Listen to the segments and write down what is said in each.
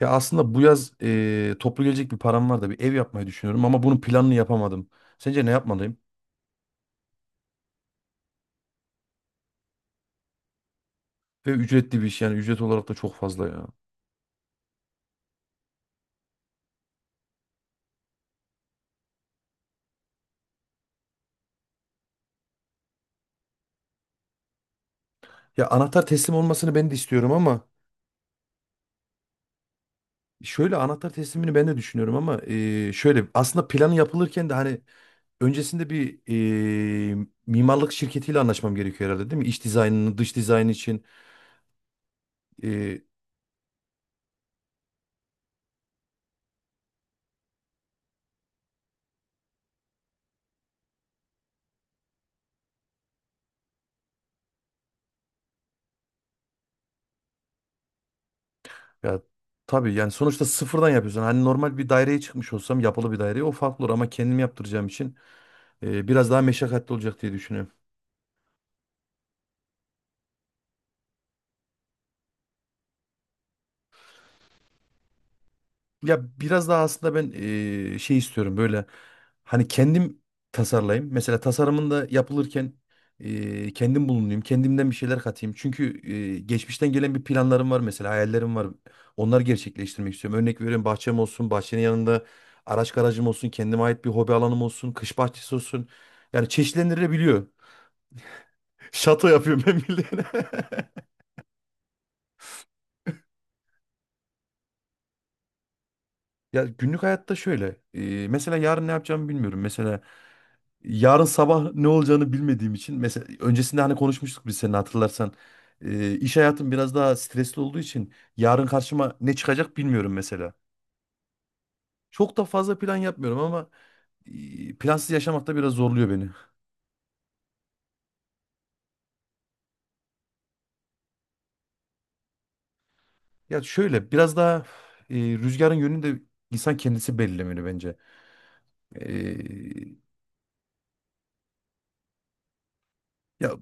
Ya aslında bu yaz toplu gelecek bir param var da bir ev yapmayı düşünüyorum ama bunun planını yapamadım. Sence ne yapmalıyım? Ve ücretli bir iş yani ücret olarak da çok fazla ya. Ya anahtar teslim olmasını ben de istiyorum ama şöyle anahtar teslimini ben de düşünüyorum ama şöyle aslında planı yapılırken de hani öncesinde bir mimarlık şirketiyle anlaşmam gerekiyor herhalde, değil mi? İç dizaynını, dış dizayn için eee, ya tabii yani sonuçta sıfırdan yapıyorsun. Hani normal bir daireye çıkmış olsam, yapılı bir daireye, o farklı olur ama kendim yaptıracağım için biraz daha meşakkatli olacak diye düşünüyorum. Ya biraz daha aslında ben şey istiyorum, böyle hani kendim tasarlayayım. Mesela tasarımında yapılırken kendim bulunayım. Kendimden bir şeyler katayım. Çünkü geçmişten gelen bir planlarım var, mesela hayallerim var. Onları gerçekleştirmek istiyorum. Örnek veriyorum, bahçem olsun, bahçenin yanında araç garajım olsun, kendime ait bir hobi alanım olsun, kış bahçesi olsun. Yani çeşitlendirilebiliyor. Şato yapıyorum ben bildiğin. Ya günlük hayatta şöyle. Mesela yarın ne yapacağımı bilmiyorum. Mesela yarın sabah ne olacağını bilmediğim için, mesela öncesinde hani konuşmuştuk biz seninle hatırlarsan. İş hayatım biraz daha stresli olduğu için yarın karşıma ne çıkacak bilmiyorum mesela. Çok da fazla plan yapmıyorum ama plansız yaşamak da biraz zorluyor beni. Ya şöyle biraz daha rüzgarın yönünü de insan kendisi belirlemeli bence. Ee, ya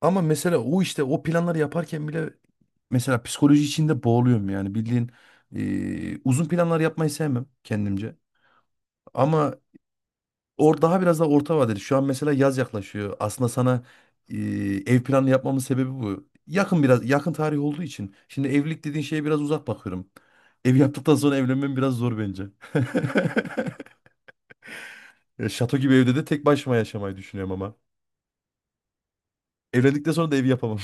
ama mesela o işte o planları yaparken bile mesela psikoloji içinde boğuluyorum yani bildiğin uzun planlar yapmayı sevmem kendimce. Ama daha biraz daha orta vadeli. Şu an mesela yaz yaklaşıyor. Aslında sana e, ev planı yapmamın sebebi bu. Yakın, biraz yakın tarih olduğu için. Şimdi evlilik dediğin şeye biraz uzak bakıyorum. Ev yaptıktan sonra evlenmem biraz zor bence. Ya şato gibi evde de tek başıma yaşamayı düşünüyorum ama. Evlendikten sonra da ev yapamam.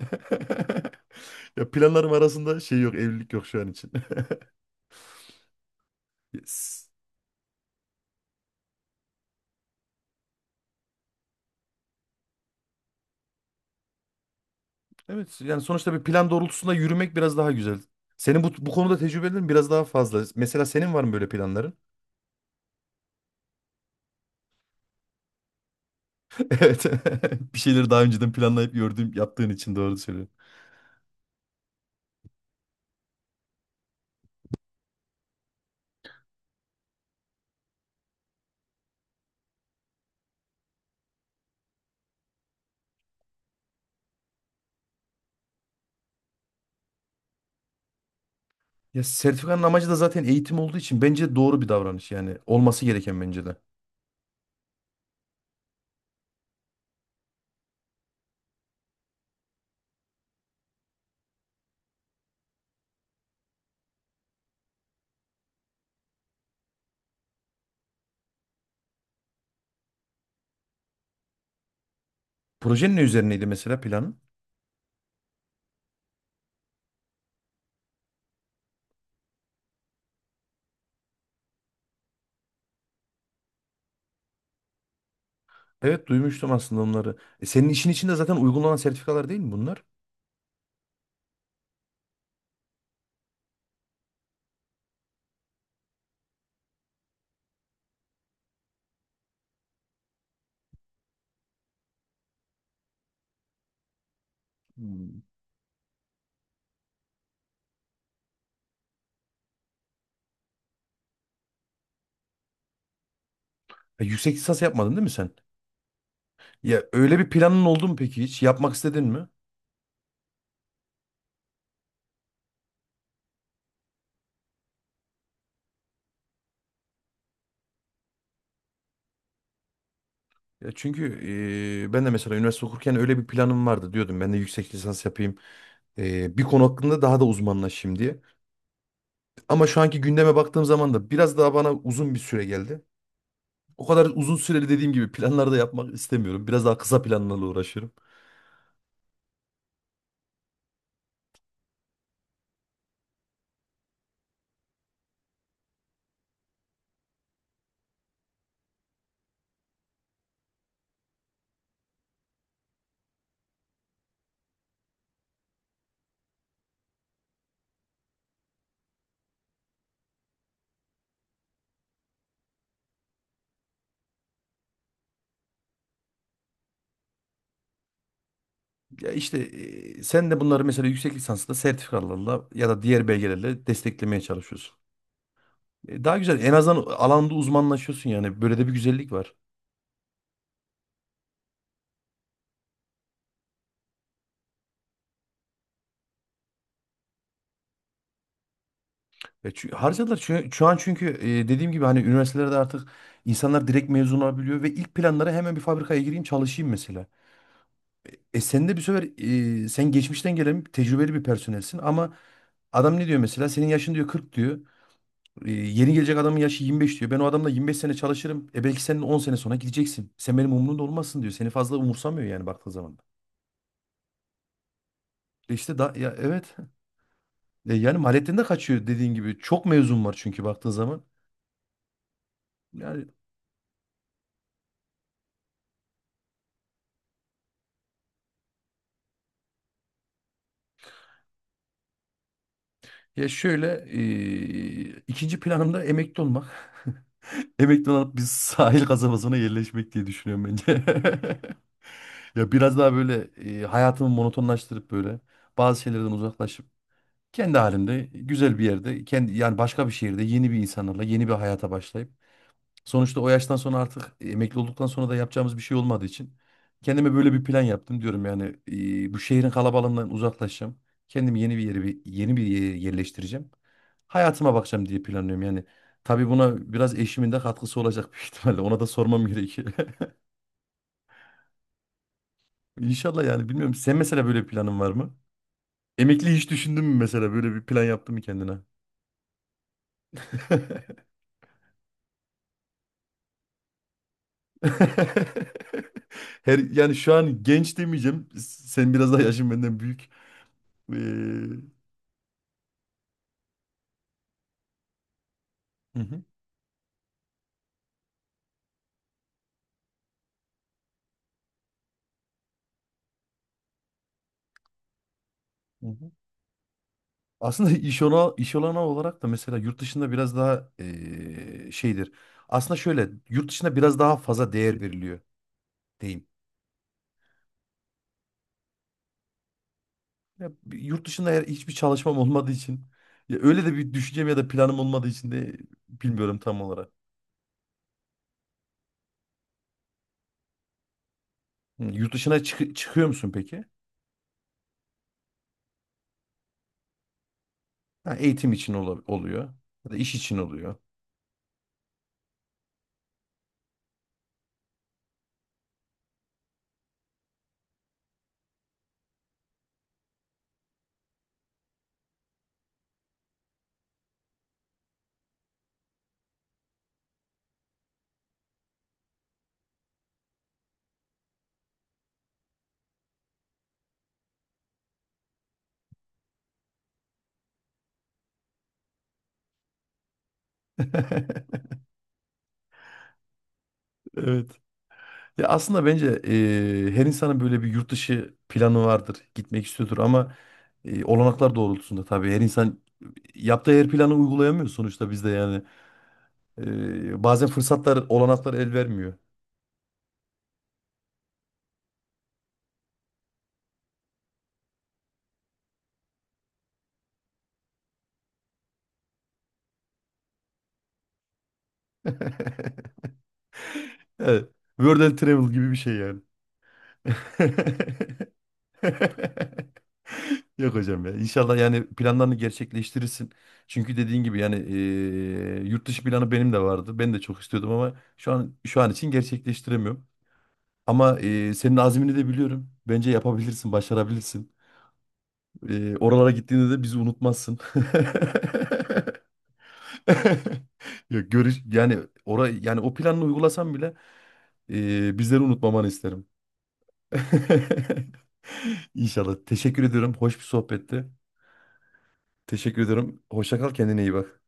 Ya planlarım arasında şey yok, evlilik yok şu an için. Yes. Evet, yani sonuçta bir plan doğrultusunda yürümek biraz daha güzel. Senin bu, bu konuda tecrübelerin biraz daha fazla. Mesela senin var mı böyle planların? Evet. Bir şeyleri daha önceden planlayıp gördüğüm, yaptığın için doğru söylüyorum. Ya sertifikanın amacı da zaten eğitim olduğu için bence doğru bir davranış yani. Olması gereken bence de. Projenin ne üzerineydi mesela planın? Evet, duymuştum aslında onları. Senin işin içinde zaten uygulanan sertifikalar değil mi bunlar? Hmm. Yüksek lisans yapmadın değil mi sen? Ya öyle bir planın oldu mu peki hiç? Yapmak istedin mi? Ya çünkü ben de mesela üniversite okurken öyle bir planım vardı diyordum. Ben de yüksek lisans yapayım. Eee, konu hakkında daha da uzmanlaşayım diye. Ama şu anki gündeme baktığım zaman da biraz daha bana uzun bir süre geldi. O kadar uzun süreli, dediğim gibi, planlar da yapmak istemiyorum. Biraz daha kısa planlarla uğraşıyorum. Ya işte sen de bunları mesela yüksek lisansla, sertifikalarla ya da diğer belgelerle desteklemeye çalışıyorsun. Daha güzel. En azından alanda uzmanlaşıyorsun yani. Böyle de bir güzellik var. Harcadılar. Şu an çünkü dediğim gibi hani üniversitelerde artık insanlar direkt mezun olabiliyor ve ilk planları hemen bir fabrikaya gireyim çalışayım mesela. E sen de bir sefer sen geçmişten gelen tecrübeli bir personelsin ama adam ne diyor mesela? Senin yaşın diyor 40 diyor. Yeni gelecek adamın yaşı 25 diyor. Ben o adamla 25 sene çalışırım. E belki senin 10 sene sonra gideceksin. Sen benim umurumda olmazsın diyor. Seni fazla umursamıyor yani baktığı zaman. E İşte da ya evet. Yani maliyetten de kaçıyor dediğin gibi. Çok mezun var çünkü baktığı zaman. Yani şöyle ikinci planımda emekli olmak. Emekli olup biz sahil kasabasına yerleşmek diye düşünüyorum bence. Ya biraz daha böyle hayatımı monotonlaştırıp, böyle bazı şeylerden uzaklaşıp, kendi halimde güzel bir yerde, kendi yani başka bir şehirde, yeni bir insanlarla yeni bir hayata başlayıp, sonuçta o yaştan sonra artık emekli olduktan sonra da yapacağımız bir şey olmadığı için kendime böyle bir plan yaptım diyorum yani. Bu şehrin kalabalığından uzaklaşacağım. Kendimi yeni bir yere, yeni bir yere yerleştireceğim. Hayatıma bakacağım diye planlıyorum yani. Tabii buna biraz eşimin de katkısı olacak büyük ihtimalle. Ona da sormam gerekiyor. İnşallah yani bilmiyorum. Sen mesela böyle bir planın var mı? Emekli hiç düşündün mü, mesela böyle bir plan yaptın mı kendine? Her yani şu an genç demeyeceğim. Sen biraz daha yaşın benden büyük. Ee, hı hı, hı hı. Aslında iş ona, iş olanağı olarak da mesela yurt dışında biraz daha şeydir. Aslında şöyle, yurt dışında biraz daha fazla değer veriliyor diyeyim. Ya, yurt dışında eğer hiçbir çalışmam olmadığı için, ya öyle de bir düşüncem ya da planım olmadığı için de bilmiyorum tam olarak. Hı, yurt dışına çıkıyor musun peki? Ha, eğitim için oluyor ya da iş için oluyor. Evet. Ya aslında bence her insanın böyle bir yurt dışı planı vardır. Gitmek istiyordur ama olanaklar doğrultusunda tabii her insan yaptığı her planı uygulayamıyor sonuçta bizde yani. Bazen fırsatlar, olanaklar el vermiyor. Evet. World and Travel gibi bir şey yani. Yok hocam ya. İnşallah yani planlarını gerçekleştirirsin. Çünkü dediğin gibi yani yurt dışı planı benim de vardı. Ben de çok istiyordum ama şu an, şu an için gerçekleştiremiyorum. Ama senin azmini de biliyorum. Bence yapabilirsin, başarabilirsin. Oralara gittiğinde de bizi unutmazsın. Ya görüş yani orayı, yani o planını uygulasam bile bizleri unutmamanı isterim. İnşallah. Teşekkür ediyorum. Hoş bir sohbetti. Teşekkür ediyorum. Hoşça kal, kendine iyi bak.